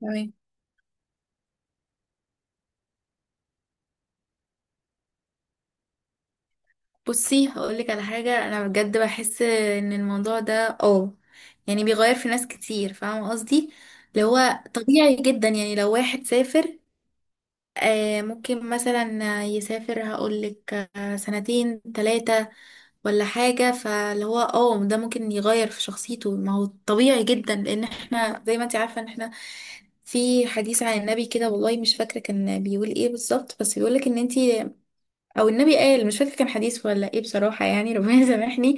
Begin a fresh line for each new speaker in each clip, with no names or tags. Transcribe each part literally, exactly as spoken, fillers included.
تمام. بصي، هقولك على حاجة. أنا بجد بحس إن الموضوع ده اه يعني بيغير في ناس كتير، فاهمة قصدي؟ اللي هو طبيعي جدا، يعني لو واحد سافر آه ممكن مثلا يسافر، هقولك آه سنتين تلاتة ولا حاجة، فاللي هو اه ده ممكن يغير في شخصيته. ما هو طبيعي جدا، لأن احنا زي ما انت عارفة ان احنا في حديث عن النبي كده، والله مش فاكرة كان بيقول ايه بالظبط، بس بيقولك ان انت، او النبي قال، مش فاكره كان حديث ولا ايه بصراحه، يعني ربنا يسامحني.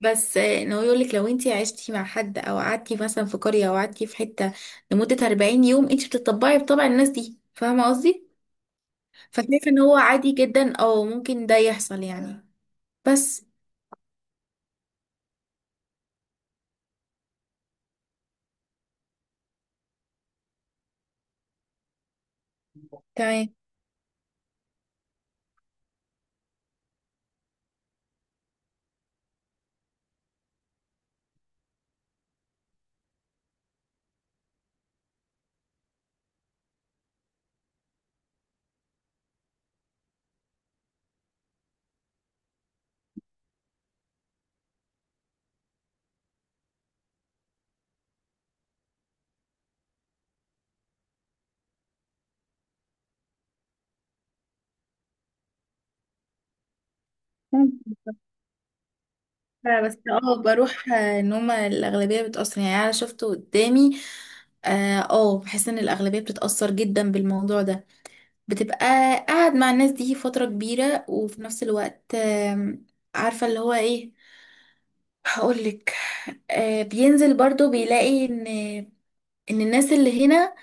بس آه، ان هو يقول لك لو انت عشتي مع حد او قعدتي مثلا في قريه او قعدتي في حته لمده أربعين يوم انت بتطبعي بطبع الناس دي، فاهمه قصدي؟ فشايفه ان هو عادي جدا، او ممكن ده يحصل يعني. بس. تمام. ممكن. بس اه بروح. آه، ان هما الاغلبيه بتاثر، يعني انا شفته قدامي. اه آه، بحس ان الاغلبيه بتتاثر جدا بالموضوع ده. بتبقى قاعد مع الناس دي فترة كبيرة، وفي نفس الوقت آم، عارفة اللي هو ايه؟ هقولك، آه، بينزل برضو بيلاقي ان ان الناس اللي هنا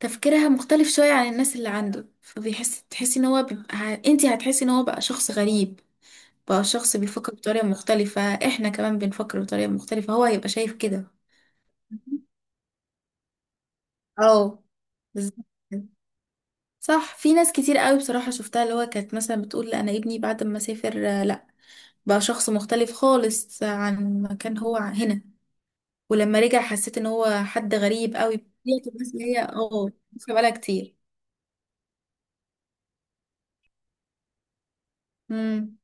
تفكيرها مختلف شوية عن الناس اللي عنده، فبيحس تحسي ان هو بيبقى، ه- انتي هتحسي ان هو بقى شخص غريب، بقى شخص بيفكر بطريقة مختلفة. احنا كمان بنفكر بطريقة مختلفة، هو هيبقى شايف كده. اه، بالظبط كده. صح، في ناس كتير قوي بصراحة شفتها، اللي هو كانت مثلا بتقول لا، انا ابني بعد ما سافر آه، لا، بقى شخص مختلف خالص عن ما كان هو هنا، ولما رجع حسيت ان هو حد غريب قوي بطبيعته. الناس اللي هي اه عارفة بقالها كتير. امم.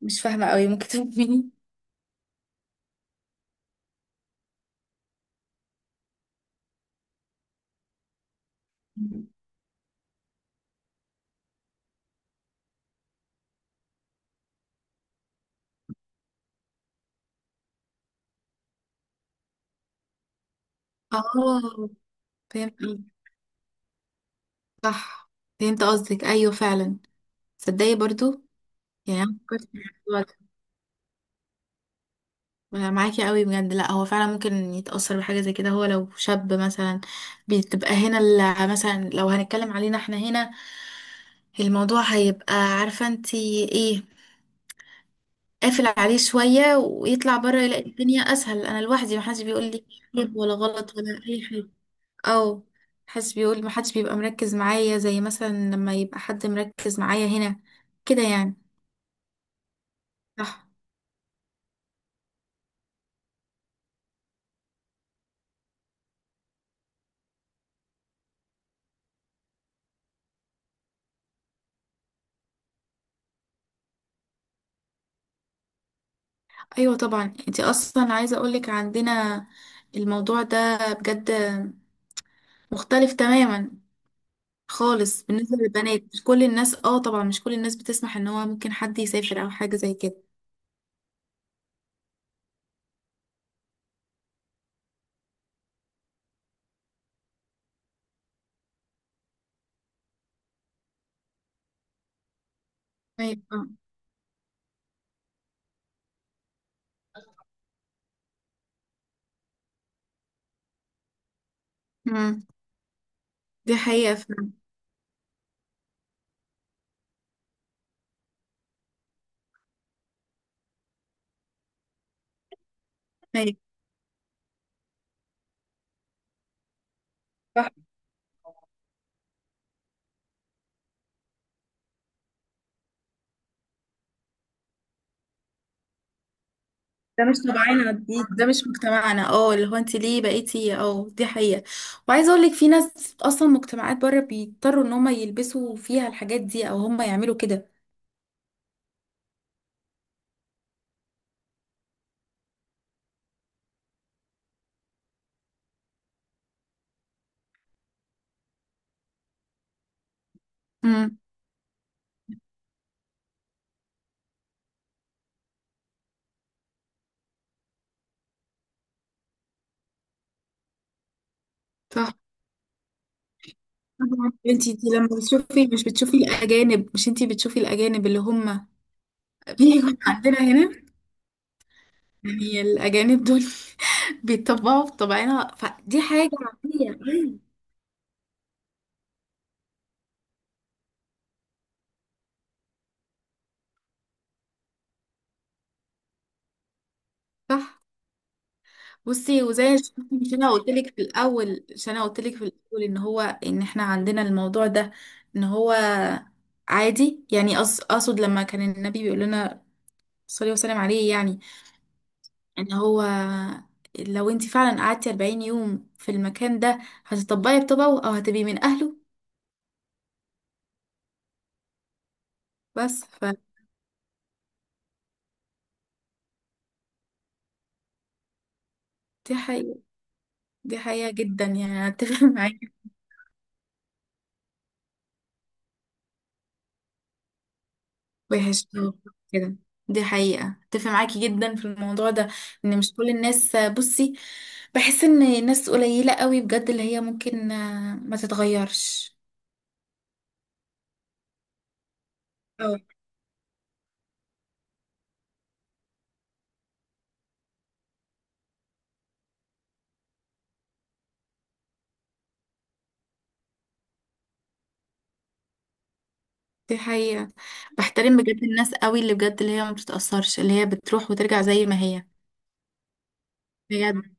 مش فاهمة قوي، ممكن تفهميني؟ اه، فهمت قصدك. صح، فهمت قصدك، ايوه فعلا. تصدقي برضو، يعني أنا فكرت في الموضوع. أنا معاكي قوي بجد، لا، هو فعلا ممكن يتأثر بحاجة زي كده هو، لو شاب مثلا بتبقى هنا ال- مثلا لو هنتكلم علينا احنا هنا، الموضوع هيبقى، عارفة انتي ايه؟ قافل عليه شوية، ويطلع بره يلاقي الدنيا أسهل. أنا لوحدي، محدش بيقول لي حلو ولا غلط ولا أي حاجة، أو محدش بيقول، محدش بيبقى مركز معايا زي مثلا لما يبقى حد مركز معايا هنا كده يعني. صح، ايوه طبعا. انت اصلا عايزه اقولك عندنا الموضوع ده بجد مختلف تماما خالص بالنسبه للبنات. مش كل الناس، اه طبعا مش كل الناس بتسمح ان هو ممكن حد يسافر او حاجه زي كده. ايوه، آه. أمم. دي حقيقه فعلا. أيوة. صح، ده مش طبعنا، دي ده مش مجتمعنا، اه اللي هو انت ليه بقيتي؟ اه دي حقيقه. وعايزه اقولك في ناس اصلا، مجتمعات بره بيضطروا ان هم يلبسوا فيها الحاجات دي او هم يعملوا كده. امم. طبعا. انتي انتي لما بتشوفي، مش بتشوفي الاجانب؟ مش انتي بتشوفي الاجانب اللي هم بيجوا عندنا هنا؟ يعني الاجانب دول بيتطبعوا بطبعنا، فدي حاجه عاديه. أيوة. صح. بصي، وزي ش- مش انا قلت لك في الاول، مش انا قلت لك في الاول ان هو، ان احنا عندنا الموضوع ده ان هو عادي، يعني أص- اقصد لما كان النبي بيقول لنا، صلي وسلم عليه، يعني ان هو لو انت فعلا قعدتي أربعين يوم في المكان ده هتطبقي بطبعه او هتبقي من اهله. بس فدي حقيقة، دي حقيقة جدا، يعني أنا اتفق معاكي. وحش كده. دي حقيقة، اتفق معاكي جدا في الموضوع ده، ان مش كل الناس. بصي، بحس ان ناس قليلة قوي بجد اللي هي ممكن آه، ما تتغيرش. أوي. دي حقيقة، بحترم بجد الناس قوي، اللي بجد اللي هي ما بتتأثرش، اللي هي بتروح وترجع زي ما هي. بجد،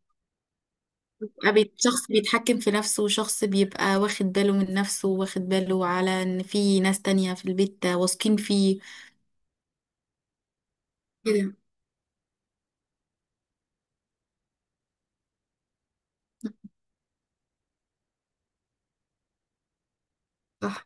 بقى بيت- شخص بيتحكم في نفسه، وشخص بيبقى واخد باله من نفسه، واخد باله على ان في ناس تانية في البيت واثقين فيه كده. صح،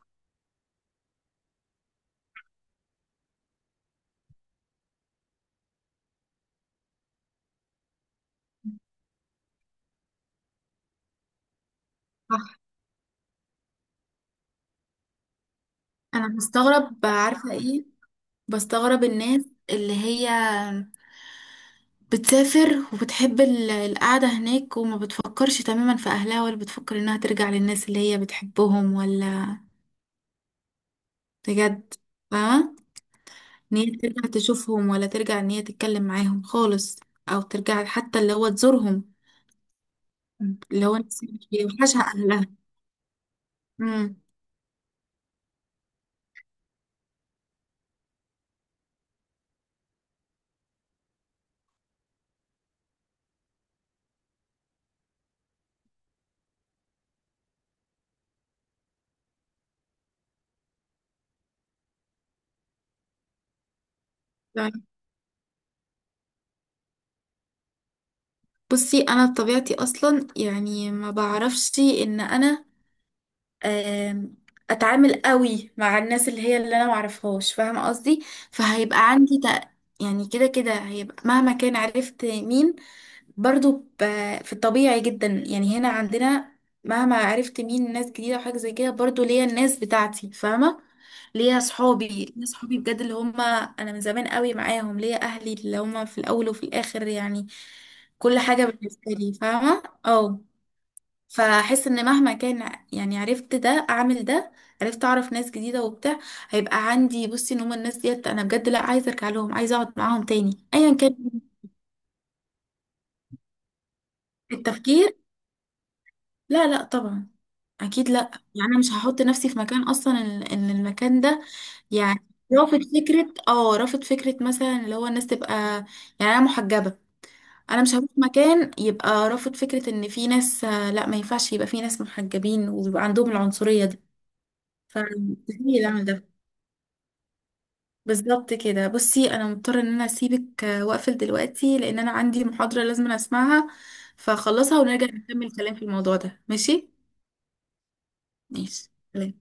صح. انا مستغرب عارفة ايه؟ بستغرب الناس اللي هي بتسافر وبتحب ال- القعدة هناك، وما بتفكرش تماما في اهلها، ولا بتفكر انها ترجع للناس اللي هي بتحبهم، ولا بجد فاهمة ان هي ترجع تشوفهم، ولا ترجع ان هي تتكلم معاهم خالص، او ترجع حتى اللي هو تزورهم. مم. لو انا بيوحشها اهلها. امم. طيب. بصي انا بطبيعتي اصلا، يعني ما بعرفش ان انا آم، اتعامل قوي مع الناس اللي هي اللي انا ما اعرفهاش، فاهمه قصدي؟ فهيبقى عندي تق... يعني كده كده هيبقى، مهما كان عرفت مين برضو ب... في الطبيعي جدا يعني، هنا عندنا مهما عرفت مين ناس جديدة وحاجة زي كده، برضو ليا الناس بتاعتي فاهمة. ليا صحابي، ليا صحابي بجد اللي هم أنا من زمان قوي معاهم، ليا أهلي اللي هم في الأول وفي الآخر يعني. كل حاجة بالنسبة لي، فاهمة؟ اه. فأحس إن مهما كان، يعني عرفت ده، أعمل ده، عرفت أعرف ناس جديدة وبتاع، هيبقى عندي، بصي، إن هم الناس ديت أنا بجد لأ، عايزة أرجع لهم، عايزة أقعد معاهم تاني أيا كان. التفكير، لا، لا، طبعا. اكيد لا، يعني انا مش هحط نفسي في مكان اصلا ال- ان المكان ده، يعني رافض فكره، اه رافض فكره مثلا اللي هو الناس تبقى، يعني انا محجبه. انا مش هروح مكان يبقى رافض فكره ان في ناس، آه، لا، ما ينفعش يبقى في ناس محجبين ويبقى عندهم العنصريه دي. فمستحيل اعمل ده. بالظبط كده. بصي انا مضطره ان انا اسيبك، آه، واقفل دلوقتي، لان انا عندي محاضره لازم أنا اسمعها، فخلصها ونرجع نكمل كلام في الموضوع ده. ماشي، ماشي. سلام.